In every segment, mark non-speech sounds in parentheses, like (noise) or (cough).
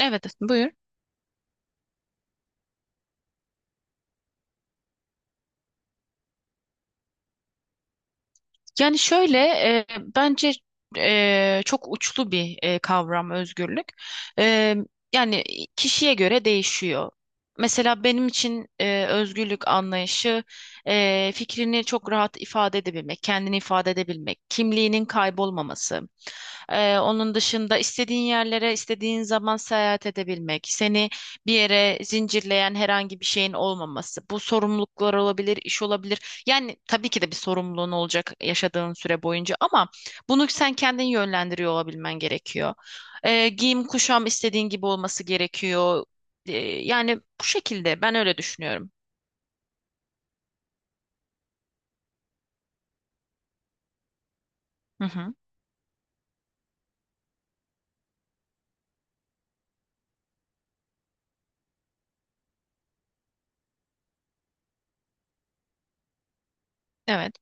Evet, buyur. Yani şöyle e, bence çok uçlu bir kavram özgürlük. E, yani kişiye göre değişiyor. Mesela benim için özgürlük anlayışı fikrini çok rahat ifade edebilmek, kendini ifade edebilmek, kimliğinin kaybolmaması. Onun dışında istediğin yerlere, istediğin zaman seyahat edebilmek, seni bir yere zincirleyen herhangi bir şeyin olmaması. Bu sorumluluklar olabilir, iş olabilir. Yani tabii ki de bir sorumluluğun olacak yaşadığın süre boyunca ama bunu sen kendin yönlendiriyor olabilmen gerekiyor. Giyim kuşam istediğin gibi olması gerekiyor. Yani bu şekilde ben öyle düşünüyorum. Hı hı. Evet.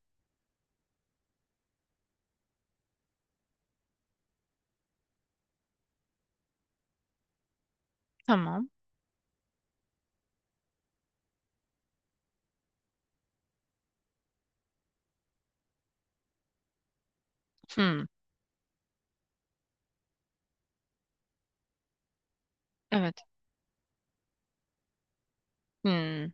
Tamam. Hı. Evet. Hı.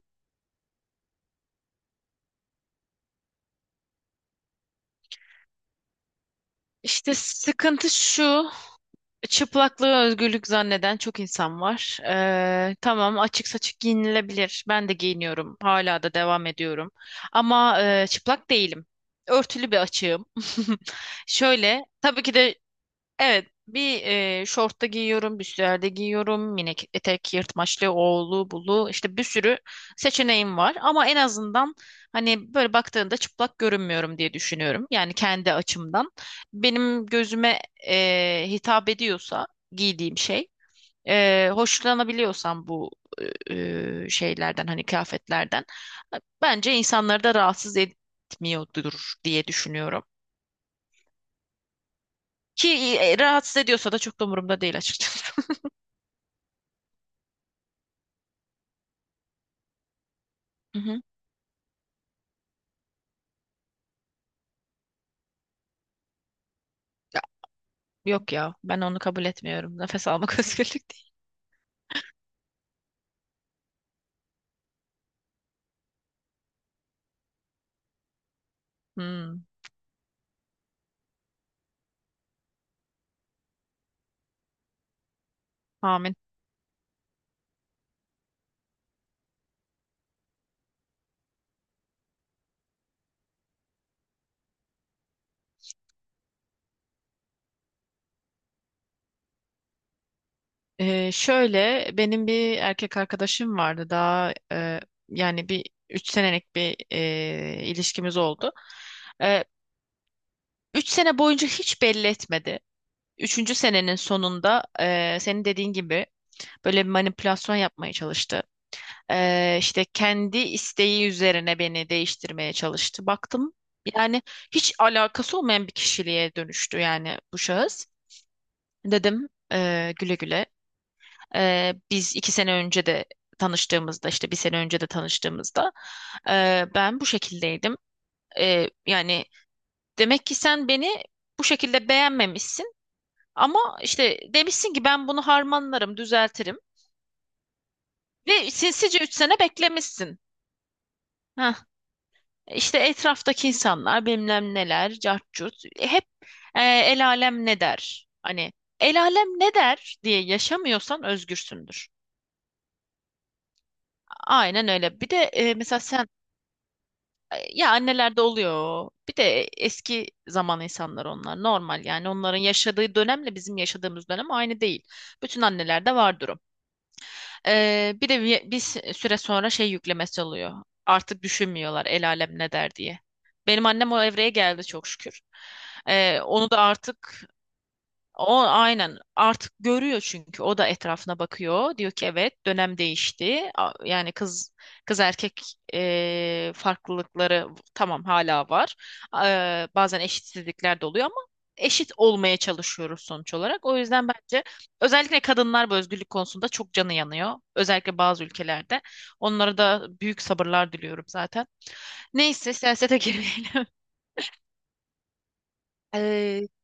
İşte sıkıntı şu. Çıplaklığı özgürlük zanneden çok insan var. Tamam, açık saçık giyinilebilir. Ben de giyiniyorum. Hala da devam ediyorum. Ama çıplak değilim. Örtülü bir açığım. (laughs) Şöyle tabii ki de evet, bir şortta giyiyorum, bir süerde giyiyorum, minik etek, yırtmaçlı, oğlu, bulu, işte bir sürü seçeneğim var. Ama en azından hani böyle baktığında çıplak görünmüyorum diye düşünüyorum. Yani kendi açımdan. Benim gözüme hitap ediyorsa giydiğim şey, hoşlanabiliyorsam bu şeylerden hani kıyafetlerden, bence insanları da rahatsız etmiyordur diye düşünüyorum. Ki rahatsız ediyorsa da çok da umurumda değil açıkçası. Hı hı. Ya, yok ya ben onu kabul etmiyorum. Nefes almak (laughs) özgürlük değil. Hmm, amin. Şöyle benim bir erkek arkadaşım vardı daha yani bir 3 senelik bir ilişkimiz oldu. E, 3 sene boyunca hiç belli etmedi. Üçüncü senenin sonunda senin dediğin gibi böyle bir manipülasyon yapmaya çalıştı. İşte kendi isteği üzerine beni değiştirmeye çalıştı. Baktım yani hiç alakası olmayan bir kişiliğe dönüştü yani bu şahıs. Dedim, "Güle güle. Biz iki sene önce de tanıştığımızda işte bir sene önce de tanıştığımızda ben bu şekildeydim. Yani demek ki sen beni bu şekilde beğenmemişsin ama işte demişsin ki ben bunu harmanlarım, düzeltirim ve sinsice üç sene beklemişsin." Heh. İşte etraftaki insanlar bilmem neler, cart curt hep el alem ne der? Hani el alem ne der diye yaşamıyorsan özgürsündür. Aynen öyle. Bir de mesela sen ya annelerde oluyor. Bir de eski zaman insanlar onlar normal yani onların yaşadığı dönemle bizim yaşadığımız dönem aynı değil. Bütün annelerde vardır o. Bir de bir süre sonra şey yüklemesi oluyor. Artık düşünmüyorlar el alem ne der diye. Benim annem o evreye geldi çok şükür. Onu da artık o aynen artık görüyor çünkü o da etrafına bakıyor. Diyor ki evet dönem değişti. Yani kız erkek farklılıkları tamam hala var. Bazen eşitsizlikler de oluyor ama eşit olmaya çalışıyoruz sonuç olarak. O yüzden bence özellikle kadınlar bu özgürlük konusunda çok canı yanıyor. Özellikle bazı ülkelerde. Onlara da büyük sabırlar diliyorum zaten. Neyse siyasete girmeyelim. (laughs)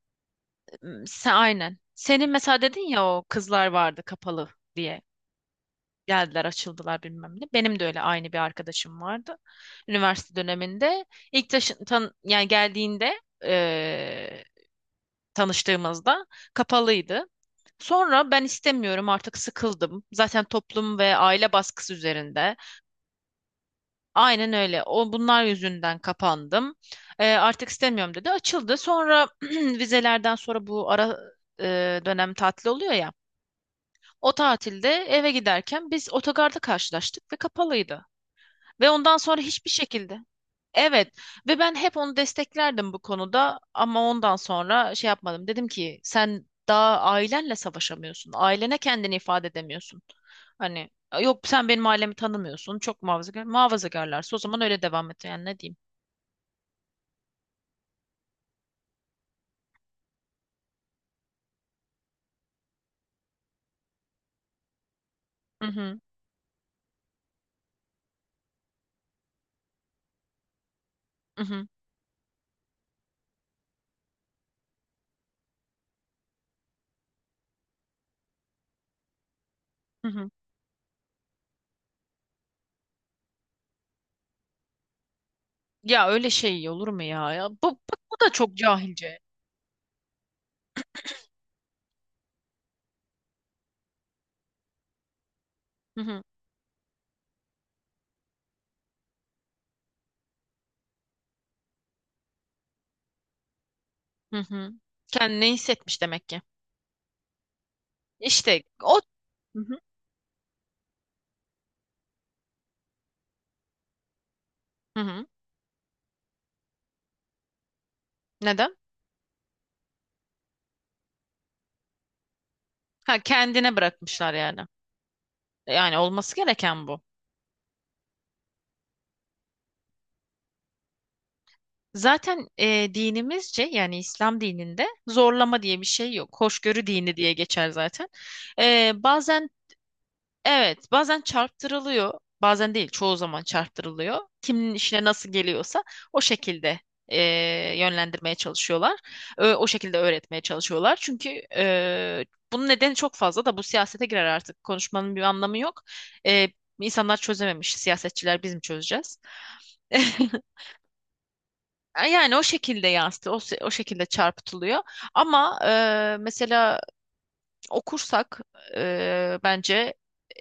Hmm, sen aynen. Senin mesela dedin ya o kızlar vardı kapalı diye. Geldiler, açıldılar bilmem ne. Benim de öyle aynı bir arkadaşım vardı. Üniversite döneminde ilk taşı- tan yani geldiğinde tanıştığımızda kapalıydı. Sonra ben istemiyorum artık sıkıldım. Zaten toplum ve aile baskısı üzerinde. Aynen öyle. O bunlar yüzünden kapandım. Artık istemiyorum dedi. Açıldı. Sonra (clears throat) vizelerden sonra bu ara dönem tatil oluyor ya. O tatilde eve giderken biz otogarda karşılaştık ve kapalıydı. Ve ondan sonra hiçbir şekilde. Evet ve ben hep onu desteklerdim bu konuda ama ondan sonra şey yapmadım. Dedim ki sen daha ailenle savaşamıyorsun. Ailene kendini ifade edemiyorsun. Hani yok sen benim ailemi tanımıyorsun. Çok muhafazakar. Muhafazakarlarsa o zaman öyle devam et. Yani ne diyeyim? Hı hı, hı hı, hı hı. Ya öyle şey olur mu ya? Ya bu da çok cahilce. Hı hı, hı hı. Kendini hissetmiş demek ki. İşte o hı hı. Hı hı. Neden? Ha, kendine bırakmışlar yani. Yani olması gereken bu. Zaten dinimizce yani İslam dininde zorlama diye bir şey yok. Hoşgörü dini diye geçer zaten. Bazen evet, bazen çarptırılıyor, bazen değil, çoğu zaman çarptırılıyor. Kimin işine nasıl geliyorsa o şekilde yönlendirmeye çalışıyorlar. O şekilde öğretmeye çalışıyorlar. Çünkü eee, bunun nedeni çok fazla da bu siyasete girer artık. Konuşmanın bir anlamı yok. Eee insanlar çözememiş, siyasetçiler biz mi çözeceğiz? (laughs) Yani o şekilde o şekilde çarpıtılıyor. Ama mesela okursak bence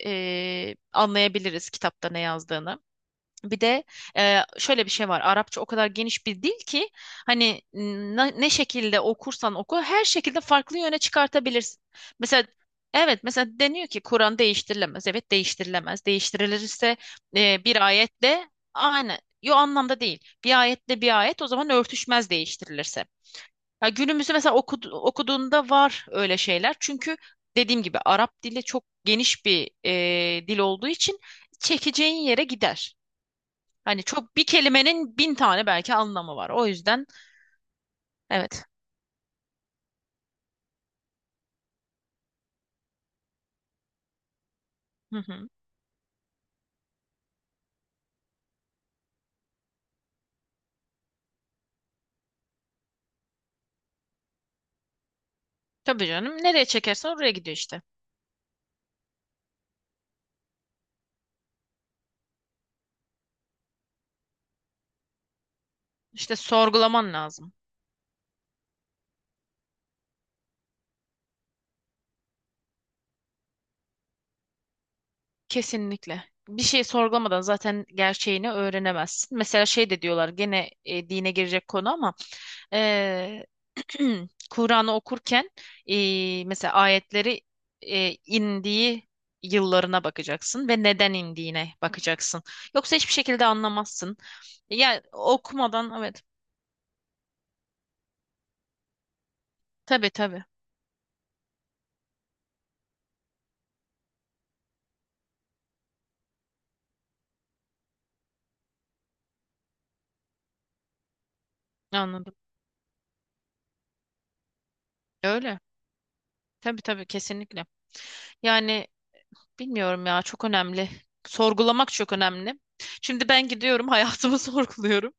anlayabiliriz kitapta ne yazdığını. Bir de şöyle bir şey var. Arapça o kadar geniş bir dil ki hani ne şekilde okursan oku her şekilde farklı yöne çıkartabilirsin. Mesela evet mesela deniyor ki Kur'an değiştirilemez. Evet değiştirilemez. Değiştirilirse bir ayetle aynı. Yo anlamda değil. Bir ayetle bir ayet o zaman örtüşmez değiştirilirse. Ya günümüzde mesela okuduğunda var öyle şeyler. Çünkü dediğim gibi Arap dili çok geniş bir dil olduğu için çekeceğin yere gider. Hani çok bir kelimenin bin tane belki anlamı var. O yüzden evet. Hı hı. Tabii canım. Nereye çekersen oraya gidiyor işte. İşte sorgulaman lazım. Kesinlikle. Bir şey sorgulamadan zaten gerçeğini öğrenemezsin. Mesela şey de diyorlar gene dine girecek konu ama eee, (clears throat) Kur'an'ı okurken mesela ayetleri indiği yıllarına bakacaksın ve neden indiğine bakacaksın. Yoksa hiçbir şekilde anlamazsın. Yani okumadan evet. Tabii tabii. Anladım. Öyle. Tabii tabii kesinlikle. Yani bilmiyorum ya çok önemli. Sorgulamak çok önemli. Şimdi ben gidiyorum hayatımı (laughs) sorguluyorum.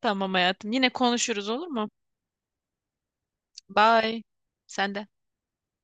Tamam hayatım. Yine konuşuruz olur mu? Bye. Sen de.